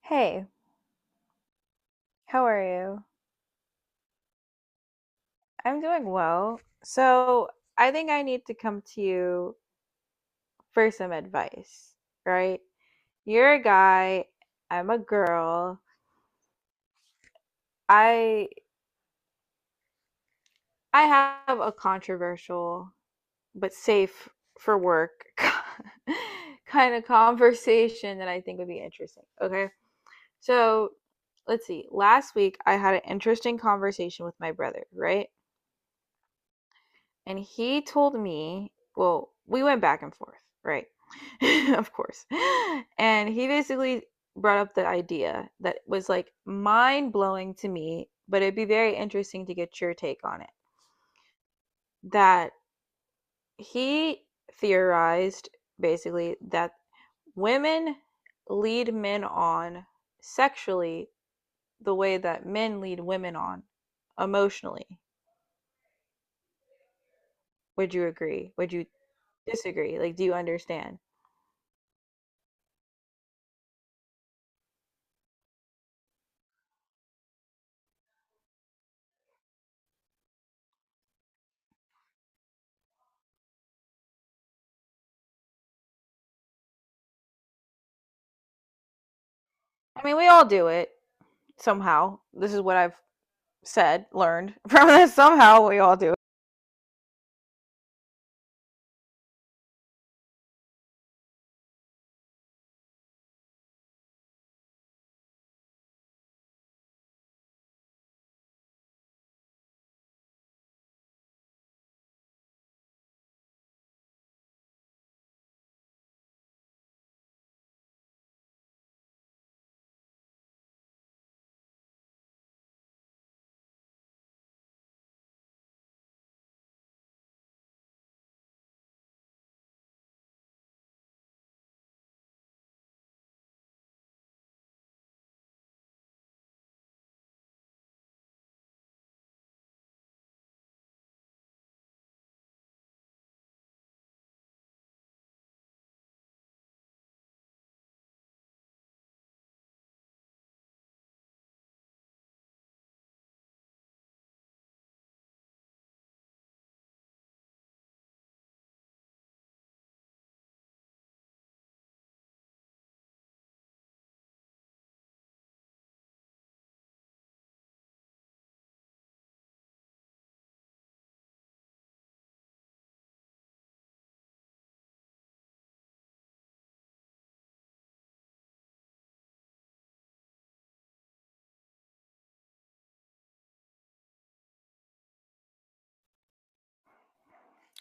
Hey, how are you? I'm doing well. So, I think I need to come to you for some advice, right? You're a guy, I'm a girl. I I have a controversial but safe for work kind of conversation that I think would be interesting. Okay? So, let's see. Last week I had an interesting conversation with my brother, right? And he told me, well, we went back and forth, right? Of course. And he basically brought up the idea that was like mind blowing to me, but it'd be very interesting to get your take on it. That he theorized basically that women lead men on sexually the way that men lead women on emotionally. Would you agree? Would you disagree? Like, do you understand? I mean, we all do it somehow. This is what I've said, learned from this. Somehow we all do it.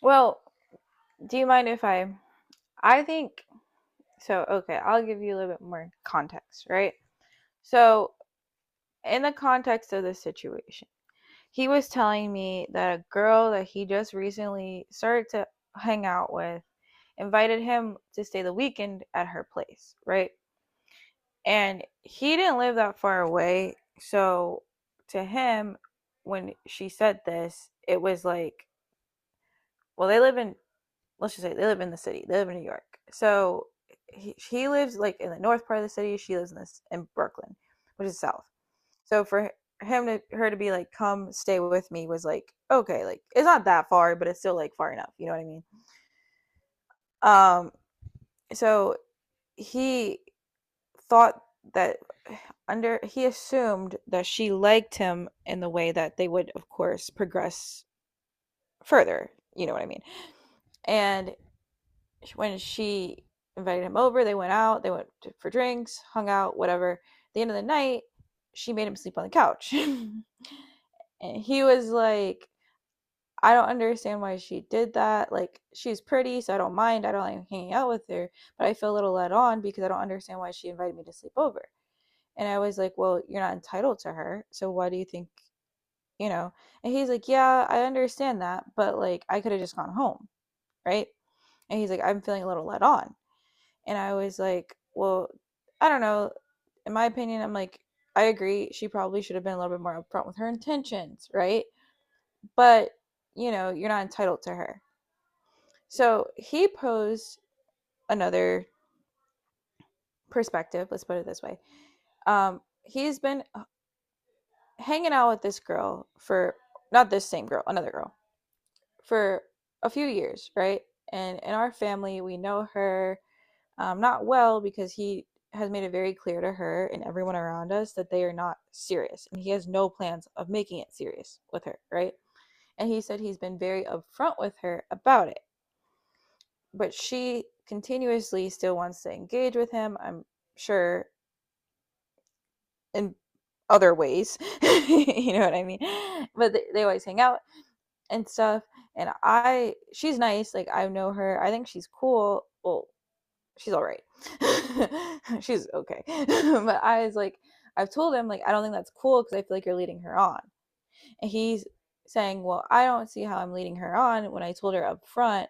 Well, do you mind if I? I think so. Okay, I'll give you a little bit more context, right? So, in the context of this situation, he was telling me that a girl that he just recently started to hang out with invited him to stay the weekend at her place, right? And he didn't live that far away. So to him, when she said this, it was like, well, they live in, let's just say they live in the city, they live in New York. So he lives like in the north part of the city, she lives in Brooklyn, which is south. So for him to her to be like come stay with me was like, okay, like it's not that far, but it's still like far enough, you know what I mean? Um so he thought that under he assumed that she liked him in the way that they would of course progress further, you know what I mean? And when she invited him over, they went out, they for drinks, hung out whatever. At the end of the night she made him sleep on the couch and he was like, I don't understand why she did that. Like, she's pretty so I don't mind, I don't like hanging out with her, but I feel a little let on because I don't understand why she invited me to sleep over. And I was like, well, you're not entitled to her. So why do you think, you know? And he's like, yeah, I understand that, but like I could have just gone home, right? And he's like, I'm feeling a little let on. And I was like, well, I don't know. In my opinion, I'm like, I agree. She probably should have been a little bit more upfront with her intentions, right? But, you know, you're not entitled to her. So he posed another perspective, let's put it this way. He's been hanging out with this girl for, not this same girl, another girl, for a few years, right? And in our family, we know her not well because he has made it very clear to her and everyone around us that they are not serious. And he has no plans of making it serious with her, right? And he said he's been very upfront with her about it. But she continuously still wants to engage with him, I'm sure, in other ways. You know what I mean? But they always hang out and stuff. And she's nice. Like, I know her. I think she's cool. Well, she's all right. She's okay. But I was like, I've told him, like, I don't think that's cool because I feel like you're leading her on. And he's saying, well, I don't see how I'm leading her on when I told her up front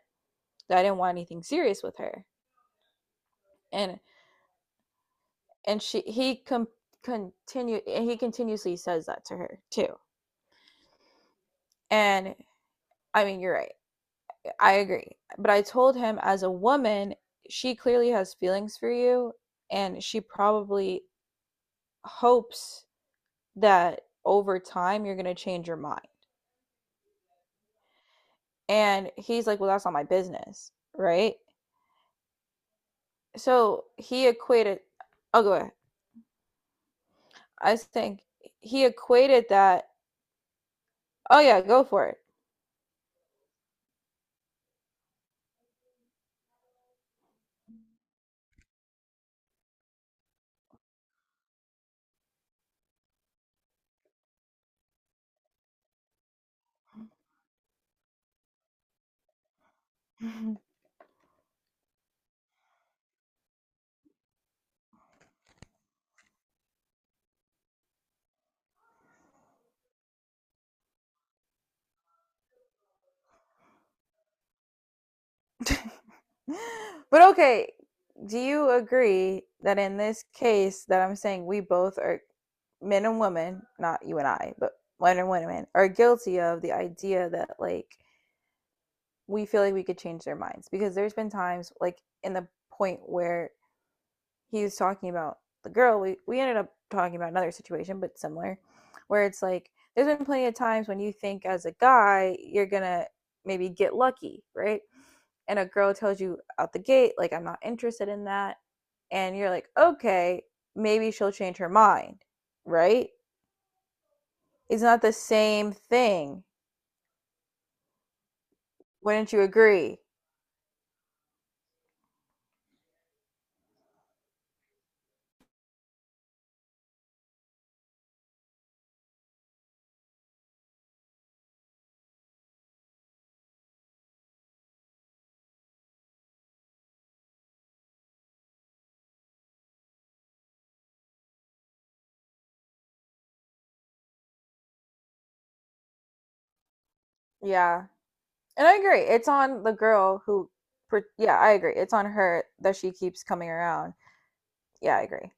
that I didn't want anything serious with her. And and she he com- continued, and he continuously says that to her too. And I mean, you're right. I agree. But I told him, as a woman, she clearly has feelings for you and she probably hopes that over time you're going to change your mind. And he's like, "Well, that's not my business." Right? So he equated, Oh, go ahead. I think he equated that, "Oh yeah, go for it." But okay, do you agree that in this case that I'm saying, we both are men and women, not you and I, but men and women are guilty of the idea that, like, we feel like we could change their minds? Because there's been times like in the point where he was talking about the girl, we ended up talking about another situation but similar, where it's like, there's been plenty of times when you think as a guy you're gonna maybe get lucky, right? And a girl tells you out the gate like, I'm not interested in that. And you're like, okay, maybe she'll change her mind, right? It's not the same thing, wouldn't you agree? Yeah, and I agree it's on the girl who, yeah, I agree it's on her that she keeps coming around. Yeah, I agree.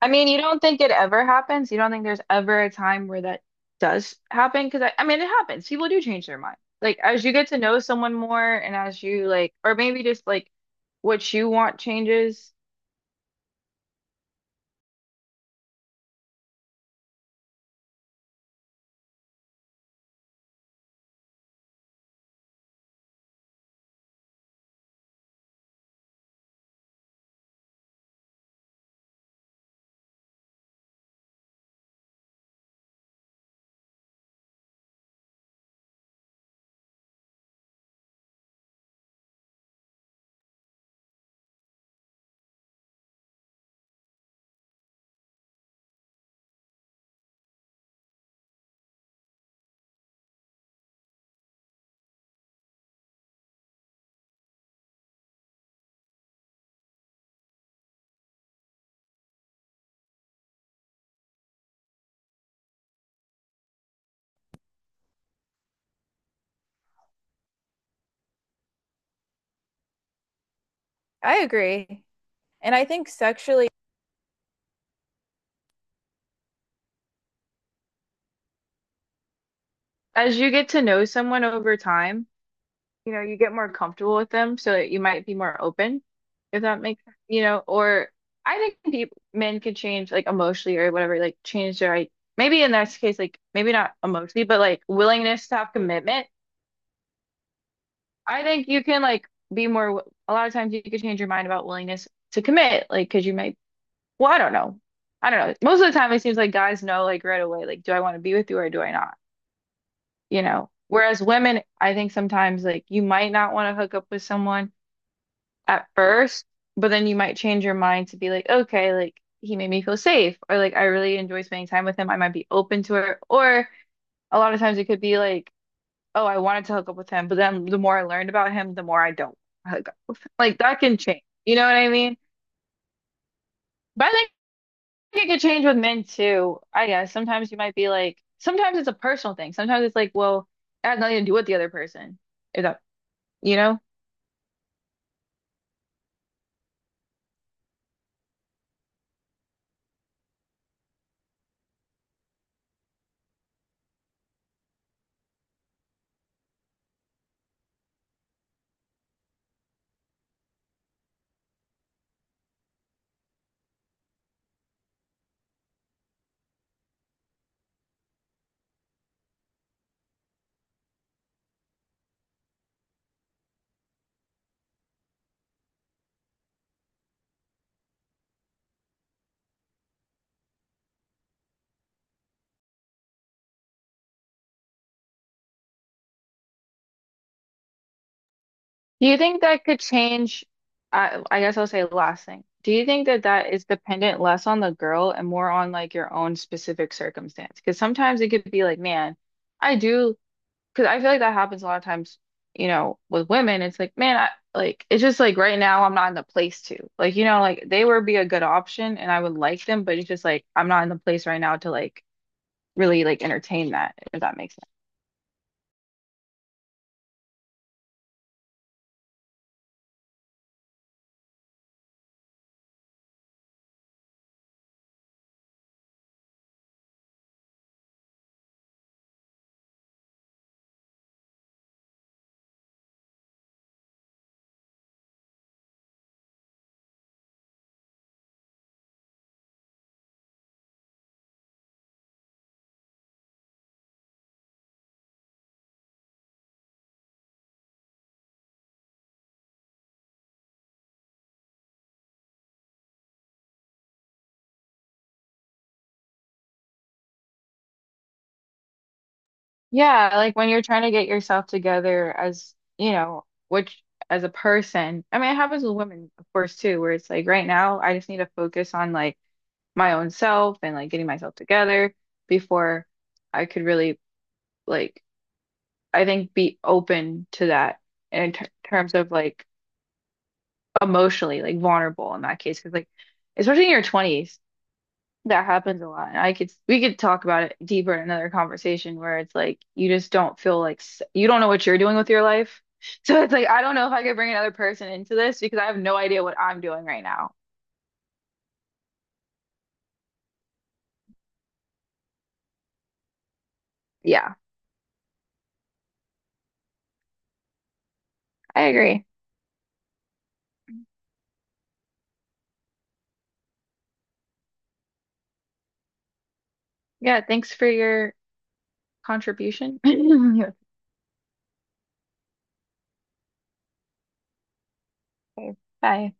I mean, you don't think it ever happens? You don't think there's ever a time where that does happen? Because I mean, it happens. People do change their mind. Like, as you get to know someone more, and as you like, or maybe just like what you want changes. I agree. And I think sexually, as you get to know someone over time, you know, you get more comfortable with them so that you might be more open, if that makes sense, you know, or, I think people, men, could change like emotionally or whatever, like change their like, maybe in this case, like maybe not emotionally, but like willingness to have commitment. I think you can like a lot of times you can change your mind about willingness to commit, like, because you might, well, I don't know. I don't know. Most of the time it seems like guys know like right away, like, do I want to be with you or do I not? You know. Whereas women, I think sometimes, like, you might not want to hook up with someone at first, but then you might change your mind to be like, okay, like, he made me feel safe, or like, I really enjoy spending time with him. I might be open to it. Or a lot of times it could be like, oh, I wanted to hook up with him, but then the more I learned about him, the more I don't hook up with him. Like, that can change. You know what I mean? But I think it could change with men too. I guess sometimes you might be like, sometimes it's a personal thing. Sometimes it's like, well, it has nothing to do with the other person. If that, you know? Do you think that could change? I guess I'll say last thing. Do you think that that is dependent less on the girl and more on like your own specific circumstance? Because sometimes it could be like, man, I do, because I feel like that happens a lot of times, you know, with women. It's like, man, I, like, it's just like right now I'm not in the place to. Like, you know, like, they would be a good option and I would like them, but it's just like I'm not in the place right now to like really like entertain that, if that makes sense. Yeah, like when you're trying to get yourself together as, you know, which, as a person, I mean, it happens with women, of course, too, where it's like, right now, I just need to focus on like my own self and like getting myself together before I could really, like, I think, be open to that in terms of like emotionally, like vulnerable in that case. Cause, like, especially in your 20s, that happens a lot. I could we could talk about it deeper in another conversation where it's like you just don't feel like you don't know what you're doing with your life. So it's like I don't know if I could bring another person into this because I have no idea what I'm doing right now. Yeah, I agree. Yeah, thanks for your contribution. Okay. Bye.